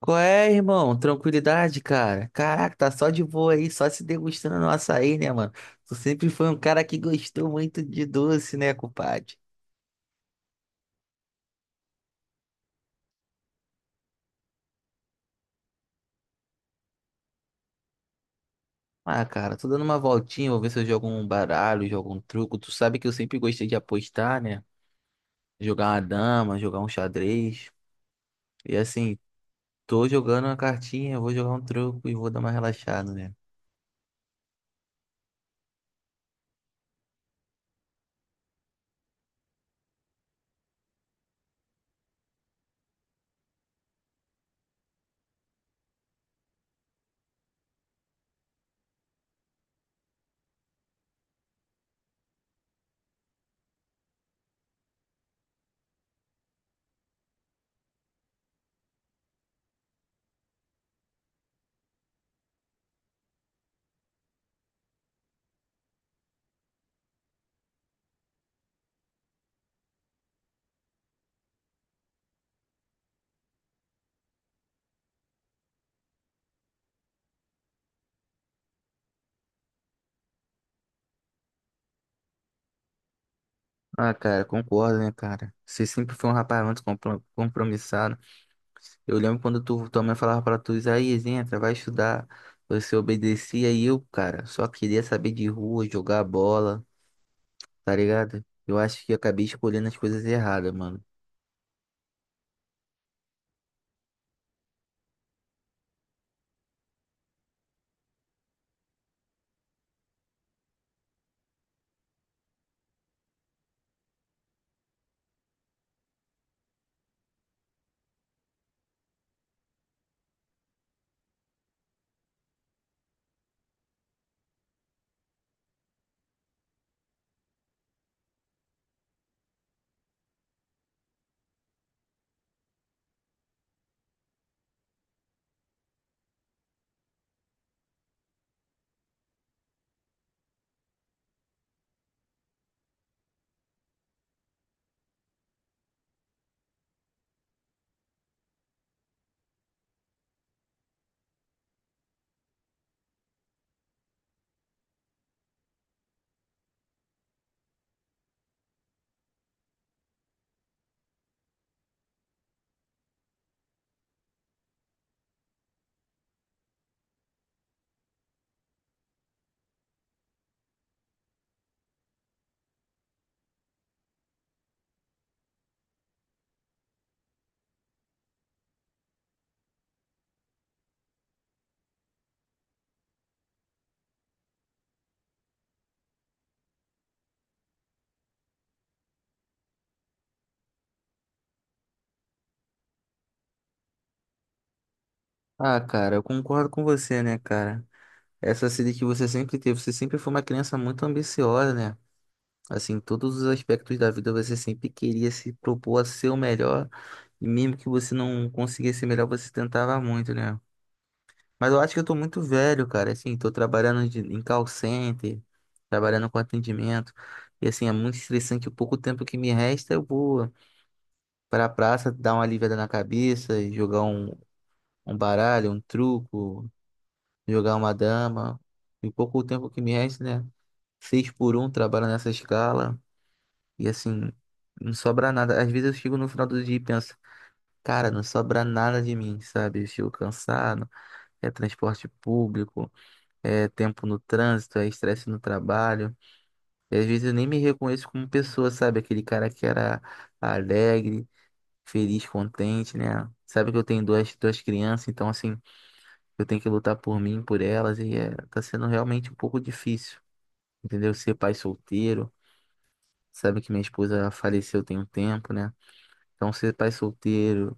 Qual é, irmão? Tranquilidade, cara. Caraca, tá só de boa aí, só se degustando no açaí, né, mano? Tu sempre foi um cara que gostou muito de doce, né, compadre? Ah, cara, tô dando uma voltinha, vou ver se eu jogo um baralho, jogo um truco. Tu sabe que eu sempre gostei de apostar, né? Jogar uma dama, jogar um xadrez. E assim, tô jogando uma cartinha, vou jogar um truco e vou dar uma relaxada, né? Ah, cara, concordo, né, cara? Você sempre foi um rapaz muito compromissado. Eu lembro quando tu, tua mãe falava pra tu, Isaías, entra, vai estudar. Você obedecia e eu, cara, só queria saber de rua, jogar bola, tá ligado? Eu acho que eu acabei escolhendo as coisas erradas, mano. Ah, cara, eu concordo com você, né, cara? Essa sede que você sempre teve, você sempre foi uma criança muito ambiciosa, né? Assim, em todos os aspectos da vida você sempre queria se propor a ser o melhor, e mesmo que você não conseguisse ser melhor, você tentava muito, né? Mas eu acho que eu tô muito velho, cara. Assim, tô em call center, trabalhando com atendimento. E assim, é muito estressante. O pouco tempo que me resta, eu vou pra praça dar uma aliviada na cabeça, e jogar um baralho, um truco, jogar uma dama. E o pouco tempo que me resta, né? Seis por um, trabalho nessa escala. E assim, não sobra nada. Às vezes eu chego no final do dia e penso, cara, não sobra nada de mim, sabe? Eu chego cansado, é transporte público. É tempo no trânsito, é estresse no trabalho. E às vezes eu nem me reconheço como pessoa, sabe? Aquele cara que era alegre, feliz, contente, né? Sabe que eu tenho duas crianças, então assim, eu tenho que lutar por mim, por elas, e é, tá sendo realmente um pouco difícil, entendeu? Ser pai solteiro, sabe que minha esposa faleceu tem um tempo, né? Então ser pai solteiro,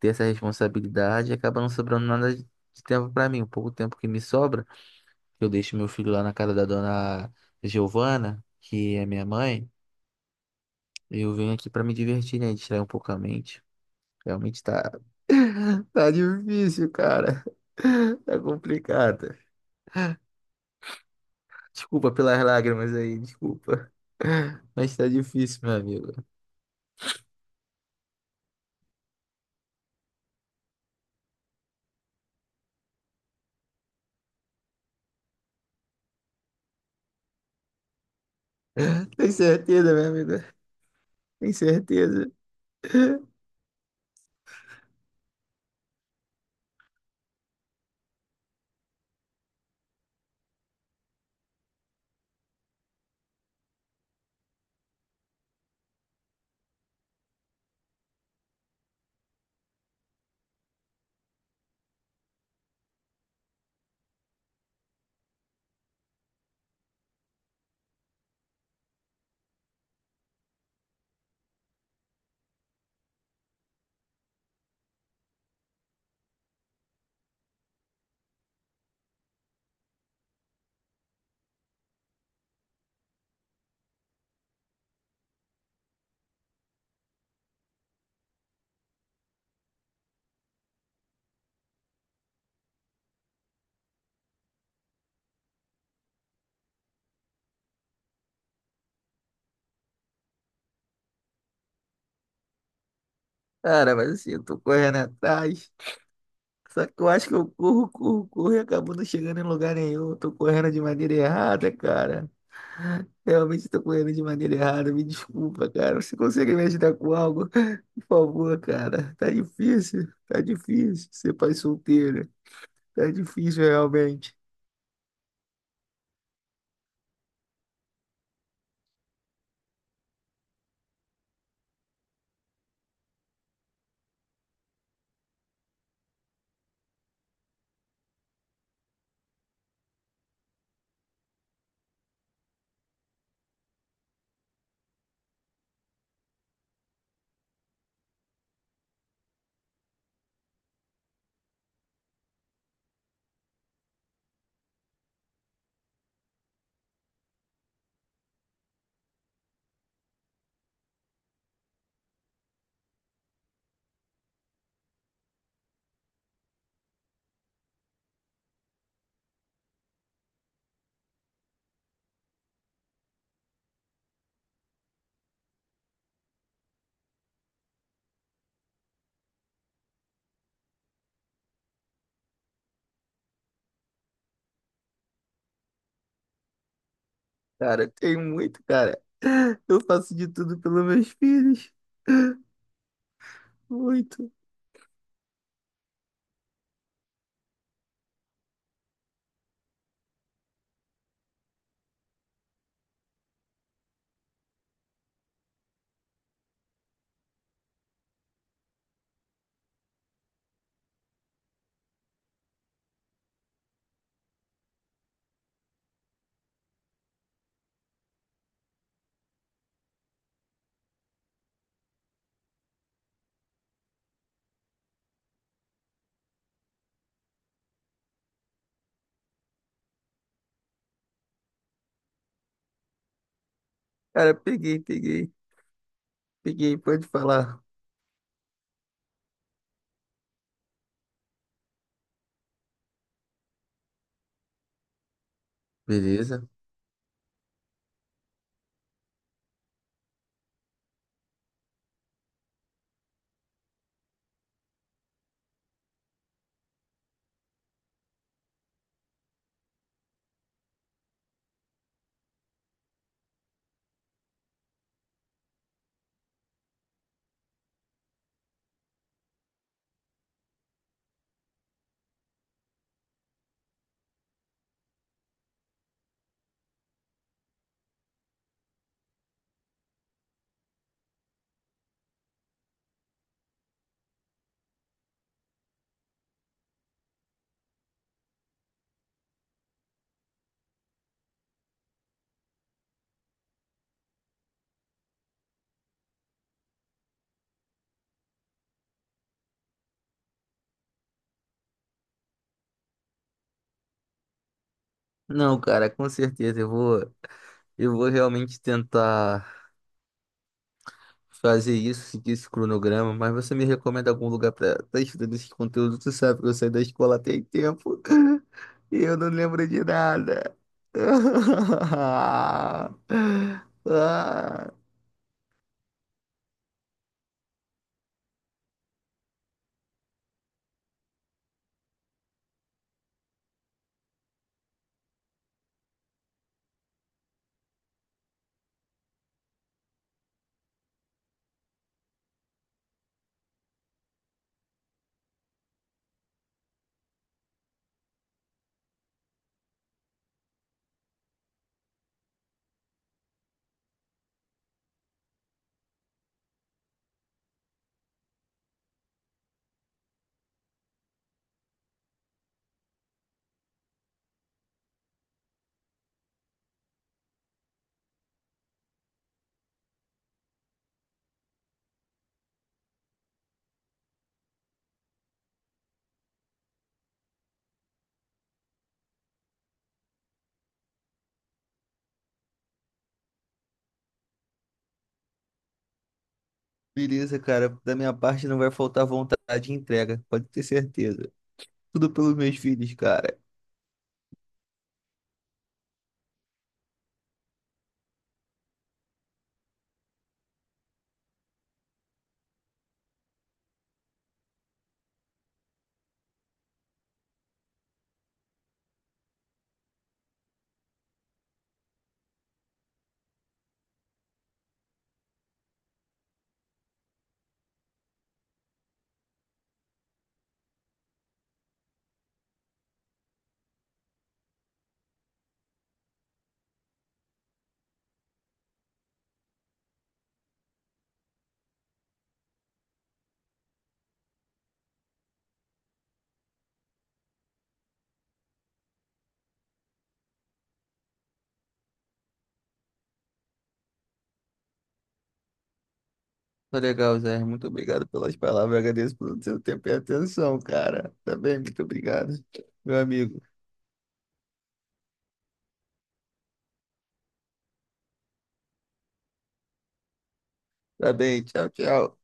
ter essa responsabilidade, acaba não sobrando nada de tempo pra mim. O pouco tempo que me sobra, eu deixo meu filho lá na casa da dona Giovana, que é minha mãe. E eu venho aqui pra me divertir, né? Distrair um pouco a mente. Realmente tá, tá difícil, cara. Tá complicado. Desculpa pelas lágrimas aí, desculpa. Mas tá difícil, meu amigo. Tem certeza, meu amigo? Tem certeza. Cara, mas assim, eu tô correndo atrás. Só que eu acho que eu corro e acabo não chegando em lugar nenhum. Eu tô correndo de maneira errada, cara. Realmente estou correndo de maneira errada. Me desculpa, cara. Você consegue me ajudar com algo? Por favor, cara. Tá difícil. Tá difícil ser pai solteiro. Tá difícil, realmente. Cara, tem muito, cara. Eu faço de tudo pelos meus filhos. Muito. Cara, peguei. Peguei, pode falar. Beleza? Não, cara, com certeza. Eu vou realmente tentar fazer isso, seguir esse cronograma, mas você me recomenda algum lugar para estar estudando esse conteúdo? Você sabe que eu saí da escola tem tempo e eu não lembro de nada. Ah, beleza, cara. Da minha parte não vai faltar vontade de entrega, pode ter certeza. Tudo pelos meus filhos, cara. Tá legal, Zé. Muito obrigado pelas palavras. Agradeço pelo seu tempo e atenção, cara. Tá bem? Muito obrigado, meu amigo. Tá bem. Tchau, tchau.